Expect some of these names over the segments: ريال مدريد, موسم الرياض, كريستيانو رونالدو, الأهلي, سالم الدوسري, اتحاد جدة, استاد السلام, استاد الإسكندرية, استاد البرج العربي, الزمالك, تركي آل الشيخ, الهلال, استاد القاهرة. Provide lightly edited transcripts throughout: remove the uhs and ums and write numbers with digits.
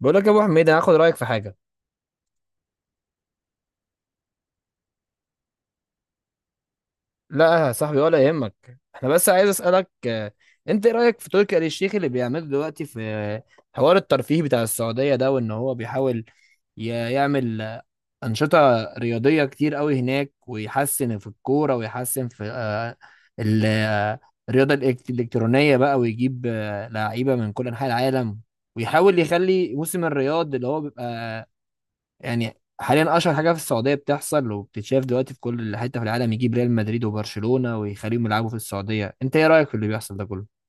بقول لك يا ابو حميد، انا هاخد رايك في حاجه. لا يا صاحبي، ولا يهمك. احنا بس عايز اسالك، انت ايه رايك في تركي آل الشيخ اللي بيعمله دلوقتي في حوار الترفيه بتاع السعوديه ده، وان هو بيحاول ي- يعمل انشطه رياضيه كتير قوي هناك، ويحسن في الكوره، ويحسن في ال- آه، الرياضه الالكترونيه بقى، ويجيب لعيبه من كل انحاء العالم، ويحاول يخلي موسم الرياض اللي هو بيبقى يعني حاليا اشهر حاجه في السعوديه، بتحصل وبتتشاف دلوقتي في كل حته في العالم، يجيب ريال مدريد وبرشلونه ويخليهم يلعبوا في السعوديه. انت ايه رايك في اللي بيحصل ده كله؟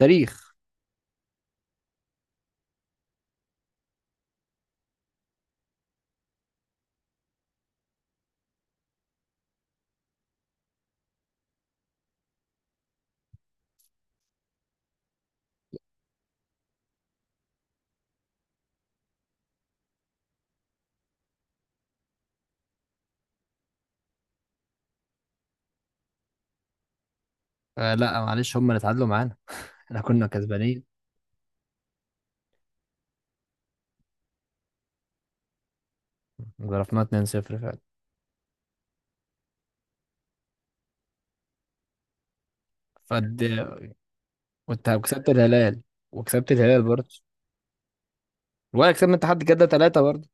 تاريخ. آه، لا معلش، هم اللي اتعادلوا معانا، احنا كنا كسبانين. ضربنا 2-0 فعلا. فد وانت كسبت الهلال وكسبت الهلال برضه، ولا كسبنا اتحاد جده 3 برضه.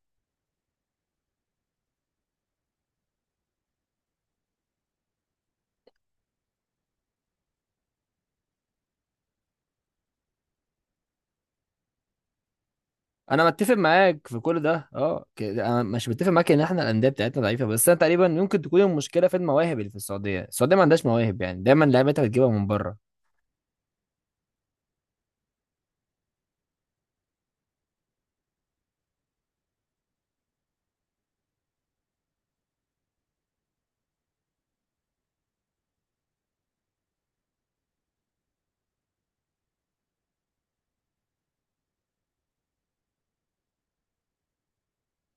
انا متفق معاك في كل ده، اه، انا مش متفق معاك ان احنا الانديه بتاعتنا ضعيفه، بس انا تقريبا يمكن تكون المشكله في المواهب اللي في السعوديه. السعوديه ما عندهاش مواهب، يعني دايما لعيبتها بتجيبها من بره.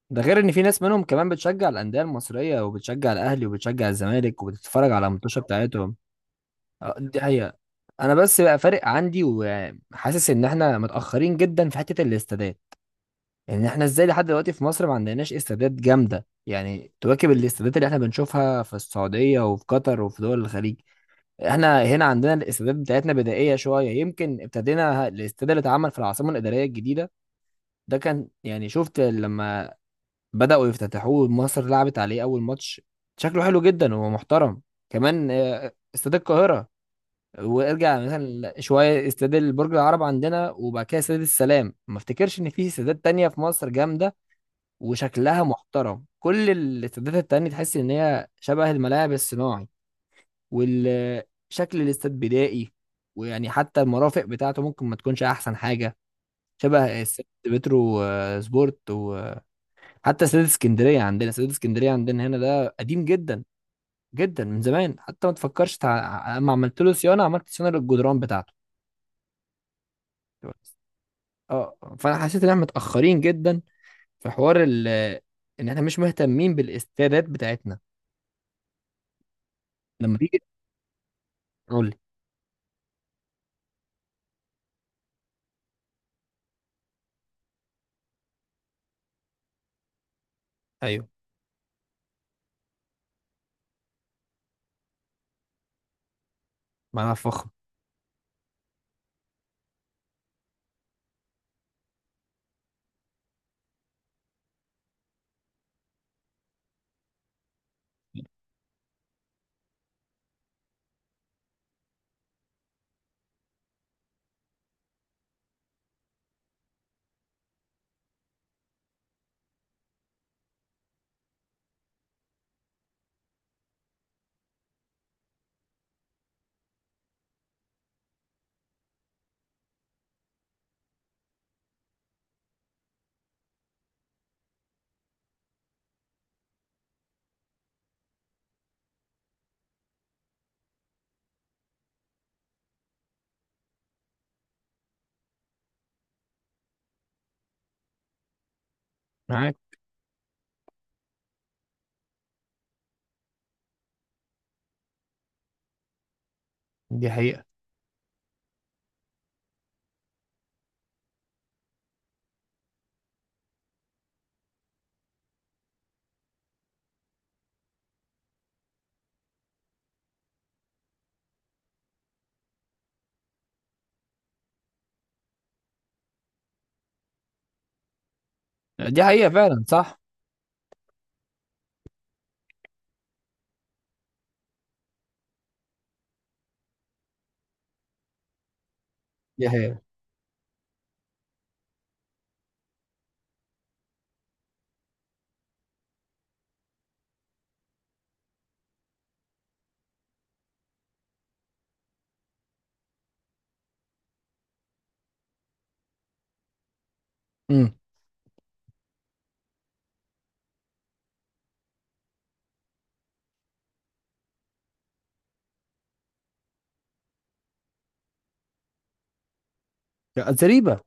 ده غير ان في ناس منهم كمان بتشجع الانديه المصريه، وبتشجع الاهلي، وبتشجع الزمالك، وبتتفرج على الماتشات بتاعتهم. آه، دي حقيقه. انا بس بقى فارق عندي، وحاسس ان احنا متاخرين جدا في حته الاستادات. ان احنا ازاي لحد دلوقتي في مصر ما عندناش استادات جامده يعني تواكب الاستادات اللي احنا بنشوفها في السعوديه وفي قطر وفي دول الخليج. احنا هنا عندنا الاستادات بتاعتنا بدائيه شويه. يمكن ابتدينا الاستاد اللي اتعمل في العاصمه الاداريه الجديده، ده كان يعني، شفت لما بدأوا يفتتحوه مصر لعبت عليه أول ماتش، شكله حلو جدا، هو محترم. كمان استاد القاهرة. وارجع مثلا شوية استاد البرج العرب عندنا، وبعد كده استاد السلام. ما افتكرش إن في استادات تانية في مصر جامدة وشكلها محترم. كل الاستادات التانية تحس إن هي شبه الملاعب الصناعي، والشكل الاستاد بدائي. ويعني حتى المرافق بتاعته ممكن ما تكونش أحسن حاجة، شبه استاد بترو سبورت. حتى استاد اسكندريه عندنا هنا ده قديم جدا جدا من زمان، حتى ما تفكرش اما عملت له صيانه، عملت صيانه للجدران بتاعته. اه، فانا حسيت ان احنا متاخرين جدا في حوار ان احنا مش مهتمين بالاستادات بتاعتنا. لما تيجي قول لي. ايوه. ما انا فخم. معاك. دي حقيقه. دي حقيقه فعلا، صح. دي حقيقه. امم. لا، زريبه.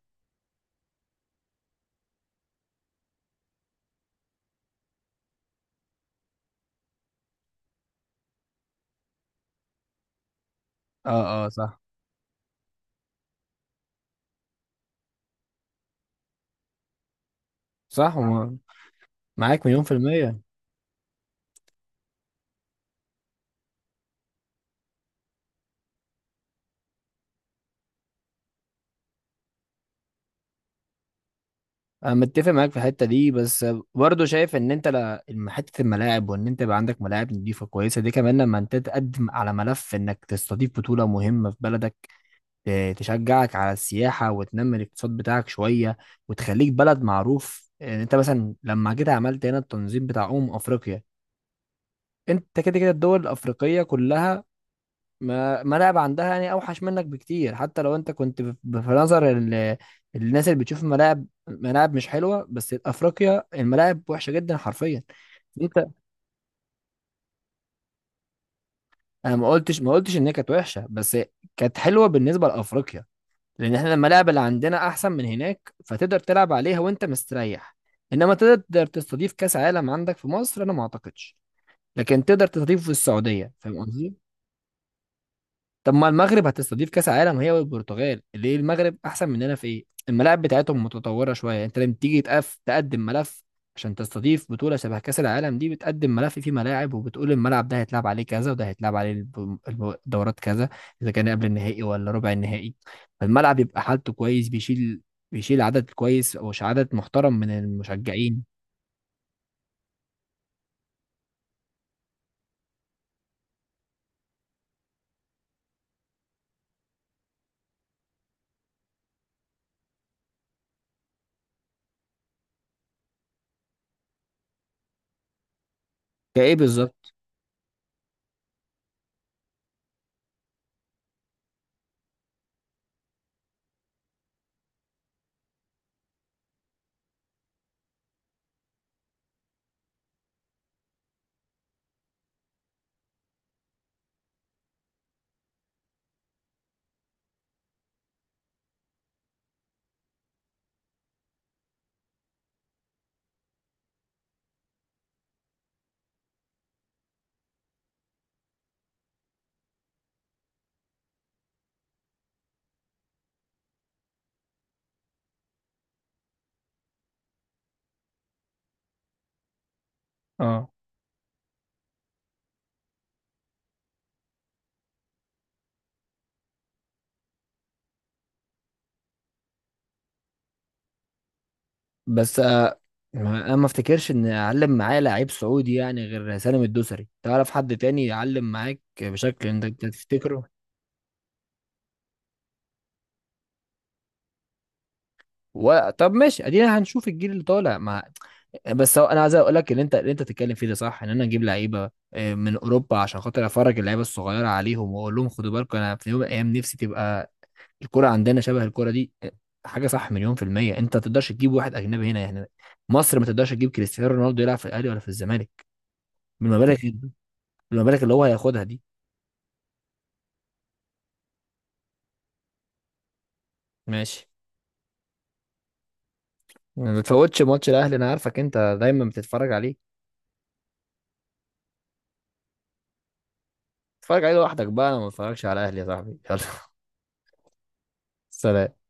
اه اه صح. صح، معاك مليون في الميه. انا متفق معاك في الحته دي، بس برضه شايف ان انت حته الملاعب، وان انت يبقى عندك ملاعب نظيفه كويسه دي كمان لما انت تقدم على ملف انك تستضيف بطوله مهمه في بلدك، تشجعك على السياحه، وتنمي الاقتصاد بتاعك شويه، وتخليك بلد معروف. يعني انت مثلا لما جيت عملت هنا التنظيم بتاع افريقيا، انت كده كده الدول الافريقيه كلها ما ملاعب عندها، يعني اوحش منك بكتير، حتى لو انت كنت في نظر الناس اللي بتشوف ملاعب، مش حلوه. بس افريقيا الملاعب وحشه جدا حرفيا. انت، انا ما قلتش ان هي كانت وحشه، بس كانت حلوه بالنسبه لافريقيا، لان احنا الملاعب اللي عندنا احسن من هناك، فتقدر تلعب عليها وانت مستريح. انما تقدر تستضيف كاس عالم عندك في مصر، انا ما اعتقدش. لكن تقدر تستضيفه في السعوديه، فاهم قصدي؟ طب ما المغرب هتستضيف كاس عالم هي والبرتغال، ليه؟ المغرب احسن مننا في ايه؟ الملاعب بتاعتهم متطوره شويه. يعني انت لما تيجي تقف تقدم ملف عشان تستضيف بطوله شبه كاس العالم دي، بتقدم ملف فيه ملاعب، وبتقول الملعب ده هيتلعب عليه كذا، وده هيتلعب عليه الدورات كذا، اذا كان قبل النهائي ولا ربع النهائي. فالملعب يبقى حالته كويس، بيشيل عدد كويس او عدد محترم من المشجعين. كايه بالظبط؟ اه، بس انا ما افتكرش ان اعلم معايا لعيب سعودي يعني غير سالم الدوسري. تعرف حد تاني يعلم معاك بشكل أنت تفتكره؟ طب ماشي، ادينا هنشوف الجيل اللي طالع مع. بس هو، انا عايز اقول لك اللي انت بتتكلم فيه ده صح، ان انا اجيب لعيبه من اوروبا عشان خاطر افرج اللعيبه الصغيره عليهم، واقول لهم خدوا بالكم انا في يوم من الايام نفسي تبقى الكره عندنا شبه الكره دي، حاجه صح، مليون في الميه. انت ما تقدرش تجيب واحد اجنبي هنا يعني. مصر ما تقدرش تجيب كريستيانو رونالدو يلعب في الاهلي ولا في الزمالك بالمبالغ، ما بالك اللي هو هياخدها دي. ماشي. ما بتفوتش ماتش الاهلي، انا عارفك انت دايما بتتفرج عليه. اتفرج عليه لوحدك بقى، انا ما بتفرجش على الاهلي يا صاحبي. يلا. سلام.